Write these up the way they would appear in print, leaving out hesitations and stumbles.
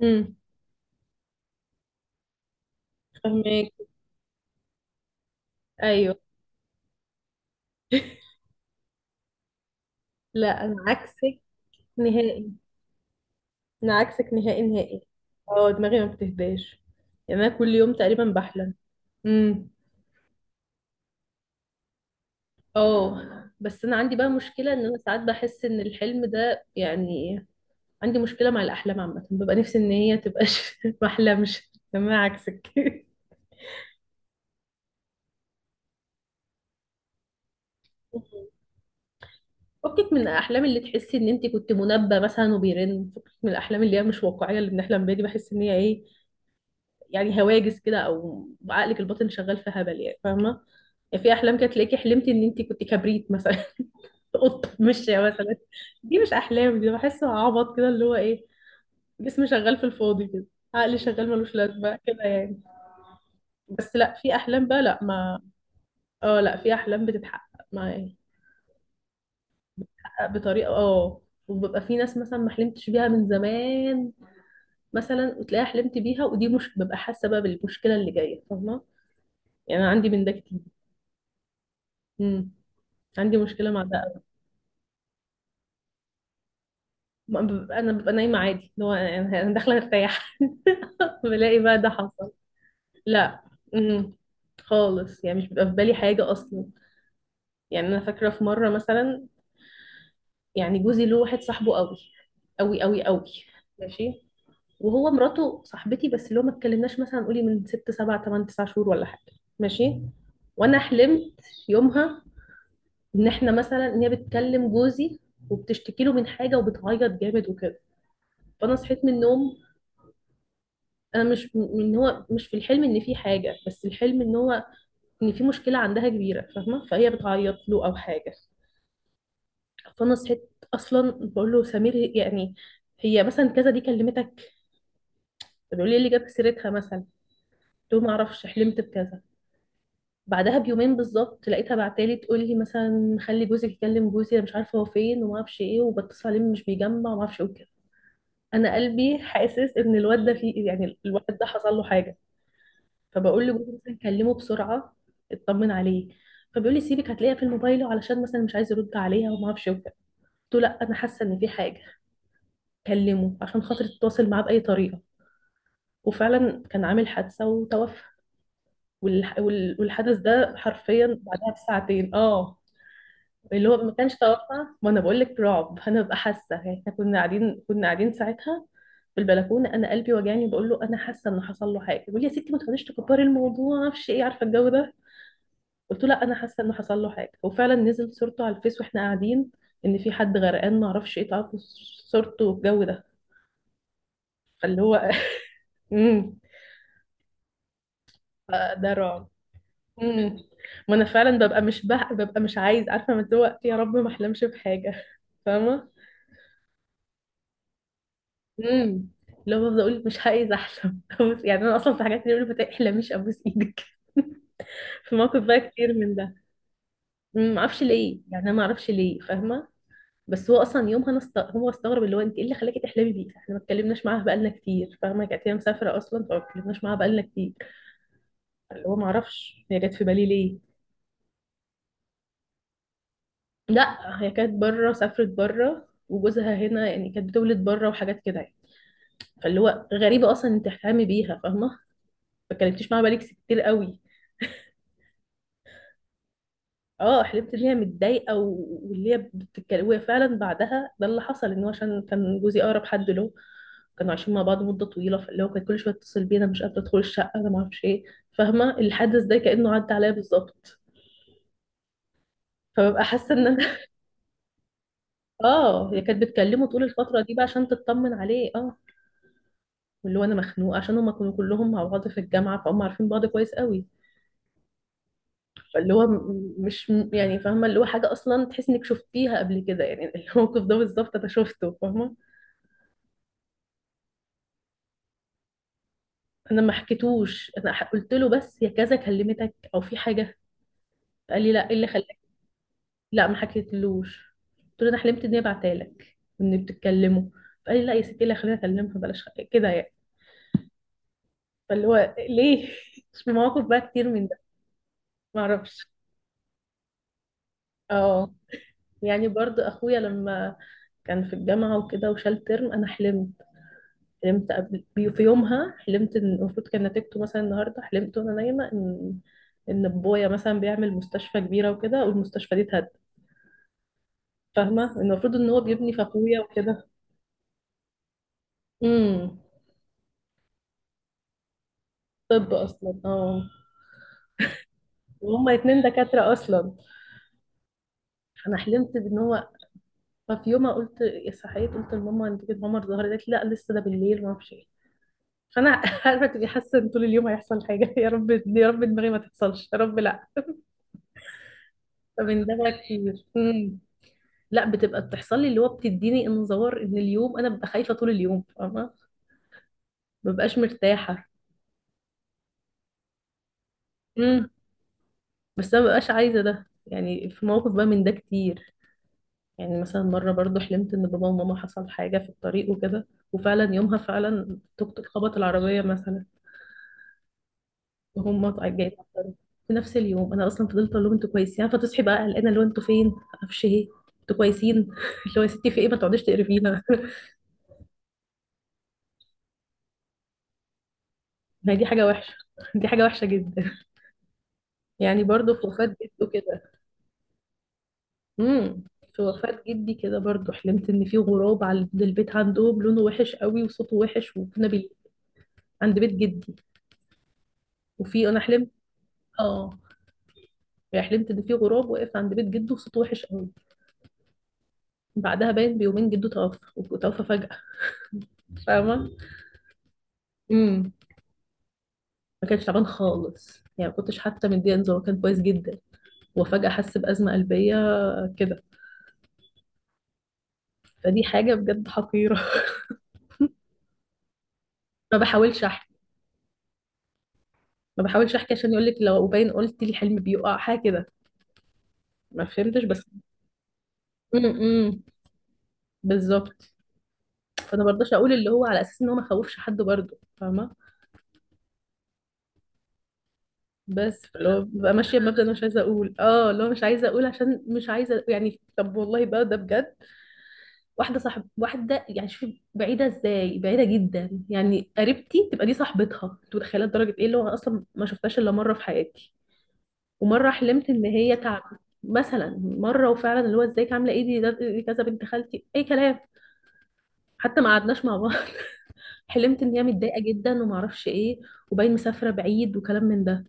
امم. فهمك. ايوه. لا، انا عكسك نهائي، انا عكسك نهائي نهائي. اه، دماغي ما بتهداش، يعني انا كل يوم تقريبا بحلم. امم. اه. بس انا عندي بقى مشكله ان انا ساعات بحس ان الحلم ده يعني عندي مشكله مع الاحلام عامه، ببقى نفسي ان هي تبقاش ما احلمش، تمام عكسك. فكك من الاحلام اللي تحسي ان انت كنت منبه مثلا وبيرن، فكك من الاحلام اللي هي مش واقعيه اللي بنحلم بيها دي، بحس ان هي ايه، يعني هواجس كده او عقلك الباطن شغال في هبل، يعني فاهمه. يعني في احلام كده تلاقيكي حلمتي ان انت كنت كبريت مثلا، قطه ماشيه مثلا. دي مش احلام، دي بحسه عبط كده، اللي هو ايه، جسمي شغال في الفاضي كده، عقلي شغال ملوش لازمه كده يعني. بس لا، في احلام بقى، لا ما، اه لا، في احلام بتتحقق معايا بطريقه اه، وببقى في ناس مثلا ما حلمتش بيها من زمان مثلا وتلاقيها حلمت بيها، ودي مش ببقى حاسه بقى بالمشكله اللي جايه، فاهمه؟ يعني انا عندي من ده كتير. امم. عندي مشكلة مع ده أوي. ما ببقى- أنا ببقى نايمة عادي، اللي هو أنا داخلة أرتاح، بلاقي بقى ده حصل. لا. امم. خالص، يعني مش بيبقى في بالي حاجة أصلا. يعني أنا فاكرة في مرة مثلا، يعني جوزي له واحد صاحبه قوي قوي قوي قوي، ماشي، وهو مراته صاحبتي، بس اللي هو ما اتكلمناش مثلا قولي من ست سبع تمن تسع شهور ولا حاجة، ماشي. وأنا حلمت يومها إن إحنا مثلا، إن هي بتكلم جوزي وبتشتكي له من حاجة وبتعيط جامد وكده. فأنا صحيت من النوم، انا مش م- ان هو مش في الحلم ان في حاجه، بس الحلم ان هو ان في مشكله عندها كبيره، فاهمه؟ فهي بتعيط له او حاجه. فانا صحيت اصلا بقول له: سمير، يعني هي مثلا كذا، دي كلمتك. طب بيقول لي إيه اللي جاب سيرتها مثلا، قلت له ما اعرفش، حلمت بكذا. بعدها بيومين بالظبط لقيتها بعتالي تقول لي مثلا خلي جوزك يكلم جوزي انا مش عارفه هو فين وما اعرفش ايه وبتصل عليه مش بيجمع وما اعرفش ايه وكده. انا قلبي حاسس ان الواد ده فيه، يعني الواد ده حصل له حاجه. فبقول لجوزي مثلا كلمه بسرعه اطمن عليه. فبيقول لي سيبك هتلاقيها في الموبايل، علشان مثلا مش عايز يرد عليها وما اعرفش وكده. قلت له لا، انا حاسه ان في حاجه، كلمه عشان خاطر تتواصل معاه باي طريقه. وفعلا كان عامل حادثه وتوفى. والحدث ده حرفيا بعدها بساعتين، اه. اللي هو ما كانش توفى، ما انا بقول لك رعب، انا ببقى حاسه يعني احنا كنا قاعدين ساعتها في البلكونه، انا قلبي وجعني، بقول له انا حاسه ان حصل له حاجه، بيقول لي يا ستي ما تقعديش تكبري الموضوع ما اعرفش ايه، عارفه الجو ده. قلت له لا، انا حاسه انه حصل له حاجه، وفعلا نزل صورته على الفيس واحنا قاعدين، ان في حد غرقان ما اعرفش ايه، تعرفوا؟ صورته والجو ده. فاللي هو امم. ده رعب. امم. ما انا فعلا ببقى مش عايز، عارفه، من دلوقتي يا رب ما احلمش بحاجه. فاهمه؟ امم. اللي هو بفضل اقول مش عايز احلم، يعني انا اصلا في حاجات اللي بيقولوا ما تحلميش، ابوس ايدك. في موقف بقى كتير من ده. ما اعرفش ليه، يعني انا ما اعرفش ليه، فاهمه؟ بس هو اصلا يومها هو استغرب، اللي هو انت ايه اللي خلاكي تحلمي بيه، احنا ما اتكلمناش معاها بقالنا كتير، فاهمه؟ كانت هي مسافره اصلا، فما اتكلمناش معاها بقالنا كتير، اللي هو ما اعرفش هي جت في بالي ليه. لا، هي كانت بره، سافرت بره، وجوزها هنا، يعني كانت بتولد بره وحاجات كده يعني. فاللي هو غريبه اصلا انت تحلمي بيها، فاهمه؟ ما اتكلمتيش معاها بقالك كتير قوي. اه، حلمت ان هي متضايقه واللي هي بتتكلم، وهي فعلا بعدها ده اللي حصل، ان هو عشان كان جوزي اقرب حد له، كانوا عايشين مع بعض مده طويله، فاللي هو كان كل شويه يتصل بينا، مش قادره ادخل الشقه، انا ما اعرفش ايه، فاهمه؟ الحدث ده كانه عدى عليا بالظبط، فببقى حاسه ان انا. اه، هي كانت بتكلمه طول الفتره دي بقى عشان تطمن عليه، اه. واللي هو انا مخنوقه عشان هما كانوا كلهم مع بعض في الجامعه، فهم عارفين بعض كويس قوي، فاللي هو م- مش م- يعني فاهمه، اللي هو حاجه اصلا تحس انك شفتيها قبل كده يعني، الموقف ده بالظبط انا شفته، فاهمه؟ انا ما حكيتوش، قلت له بس يا كذا كلمتك او في حاجه، قال لي لا ايه اللي خلاك. لا، ما حكيتلوش. قلت له انا حلمت اني بعتلك وان بتتكلموا، فقال لي لا يا ستي، إيه اللي خلينا اكلمها، بلاش كده يعني. فاللي هو ليه. في مواقف بقى كتير من ده، ما اعرفش. اه، يعني برضو اخويا لما كان في الجامعه وكده وشال ترم، انا حلمت، حلمت في يومها، حلمت ان المفروض كان نتيجته مثلا النهارده، حلمت وانا نايمه ان بابايا مثلا بيعمل مستشفى كبيره وكده والمستشفى دي اتهد، فاهمة؟ المفروض ان هو بيبني فخوية وكده. امم. طب اصلا اه. وهما اتنين دكاترة اصلا. انا حلمت بان هو، ففي يوم قلت، صحيت قلت لماما: انت كده ماما الظهر، قالت لي لا لسه ده بالليل ما اعرفش ايه. فانا عارفه تبقي حاسه ان طول اليوم هيحصل حاجه، يا رب يا رب دماغي ما تحصلش يا رب، لا. فمن ده بقى كتير، امم. لا بتبقى بتحصل لي، اللي هو بتديني انذار ان اليوم انا ببقى خايفه طول اليوم، فاهمه؟ ما ببقاش مرتاحه. امم. بس انا ما ببقاش عايزه ده، يعني في موقف بقى من ده كتير. يعني مثلا مرة برضو حلمت إن بابا وماما حصل حاجة في الطريق وكده، وفعلا يومها فعلا توك توك خبط العربية مثلا، وهم جايين على الطريق. في نفس اليوم أنا أصلا فضلت أقول لهم أنتوا كويسين، فتصحي بقى قلقانة اللي هو أنتوا فين معرفش إيه، أنتوا كويسين. اللي هو يا ستي في إيه، ما تقعديش تقري فينا. ما هي دي حاجة وحشة، دي حاجة وحشة جدا. يعني برضو في وفاة جده كده، امم. في وفاة جدي كده برضو حلمت إن في غراب على عند البيت عندهم لونه وحش قوي وصوته وحش، عند بيت جدي. وفي أنا حلمت، اه، حلمت ان في غراب واقف عند بيت جده وصوته وحش قوي. بعدها باين بيومين جده توفى، وتوفى فجأة، فاهمة؟ امم. ما كانش تعبان خالص، يعني ما كنتش حتى مديه انذار، هو كان كويس جدا، وفجأة حس بأزمة قلبية كده. فدي حاجة بجد حقيرة. ما بحاولش احكي، ما بحاولش احكي عشان يقول لك لو باين قلت لي الحلم بيقع حاجة كده، ما فهمتش بس. امم. بالظبط. فانا برضاش اقول، اللي هو على اساس ان هو ما خوفش حد برضه، فاهمة؟ بس اللي هو ببقى ماشيه بمبدأ انا مش عايزه اقول، اه اللي هو مش عايزه اقول عشان مش عايزه، يعني طب والله بقى ده بجد. واحده صاحب واحده، يعني شوفي بعيده ازاي، بعيده جدا، يعني قريبتي تبقى دي صاحبتها، انت متخيله لدرجه ايه، اللي هو انا اصلا ما شفتهاش الا مره في حياتي، ومره حلمت ان هي تعب مثلا، مره. وفعلا اللي هو ازيك عامله ايه دي، دي كذا بنت خالتي اي كلام، حتى ما قعدناش مع بعض. حلمت ان هي متضايقه جدا وما اعرفش ايه، وباين مسافره بعيد وكلام من ده.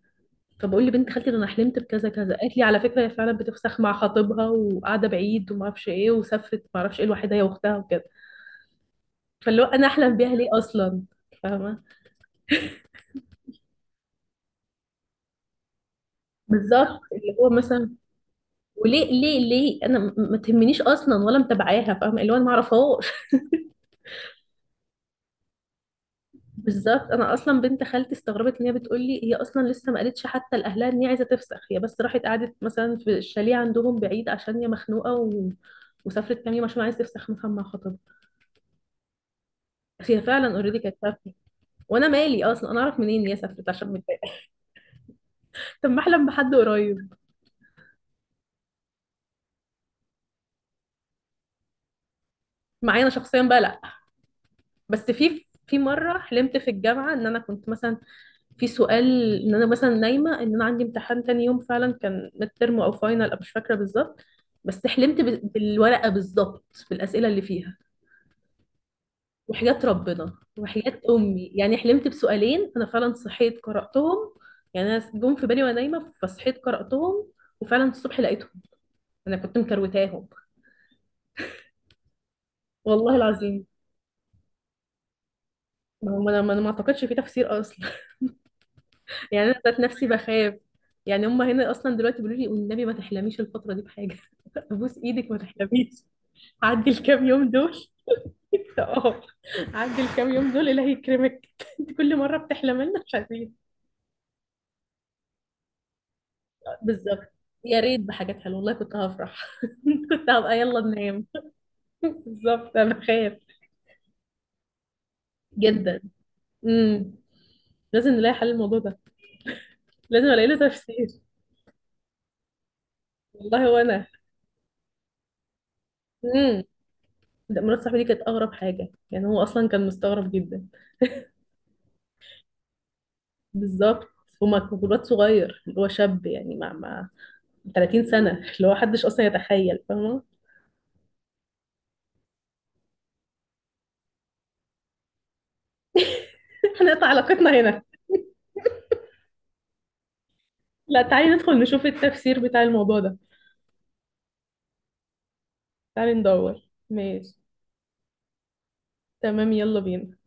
فبقول لبنت خالتي ده انا حلمت بكذا كذا، قالت لي على فكره هي فعلا بتفسخ مع خطيبها وقاعده بعيد وما اعرفش ايه وسافرت ما اعرفش ايه لوحدها هي واختها وكده. فاللي هو انا احلم بيها ليه اصلا، فاهمه؟ بالظبط اللي هو مثلا، وليه ليه ليه انا ما تهمنيش اصلا ولا متابعاها، فاهمه؟ اللي هو انا ما اعرفهاش. بالظبط انا اصلا بنت خالتي استغربت ان هي بتقول لي هي اصلا لسه ما قالتش حتى لاهلها ان هي عايزه تفسخ، هي بس راحت قعدت مثلا في الشاليه عندهم بعيد عشان هي مخنوقه و... وسافرت كام يوم عشان عايزه تفسخ مثلا مع خطيبها. هي فعلا اوريدي كانت سافرة. وانا مالي اصلا انا اعرف منين إن هي سافرت عشان متضايقه. طب ما احلم بحد قريب. معايا انا شخصيا بقى لا، بس في مره حلمت في الجامعه ان انا كنت مثلا في سؤال ان انا مثلا نايمه ان انا عندي امتحان تاني يوم، فعلا كان ميد ترم او فاينل أو مش فاكره بالظبط، بس حلمت بالورقه بالظبط، بالاسئله اللي فيها، وحياه ربنا وحياه امي يعني حلمت بسؤالين انا فعلا صحيت قراتهم، يعني انا جم في بالي وانا نايمه فصحيت قراتهم، وفعلا الصبح لقيتهم، انا كنت مكروتاهم. والله العظيم. ما هو انا ما اعتقدش في تفسير اصلا. يعني انا ذات نفسي بخاف، يعني هم هنا اصلا دلوقتي بيقولوا لي والنبي ما تحلميش الفتره دي بحاجه، ابوس ايدك ما تحلميش، عدي الكام يوم دول. اه، عدي الكام يوم دول الله يكرمك. انت كل مره بتحلمي لنا مش عارفين بالظبط. يا ريت بحاجات حلوه والله كنت هفرح، كنت هبقى يلا ننام. بالظبط انا بخاف جدا. امم. لازم نلاقي حل الموضوع ده، لازم الاقي له تفسير. والله. وانا. لا، مرات صاحبي دي كانت اغرب حاجه، يعني هو اصلا كان مستغرب جدا، بالظبط. وواد صغير اللي هو شاب، يعني مع 30 سنه، اللي هو محدش اصلا يتخيل، فاهمه؟ احنا نقطع علاقتنا هنا. لا، تعالي ندخل نشوف التفسير بتاع الموضوع ده، تعالي ندور، ماشي، تمام يلا بينا.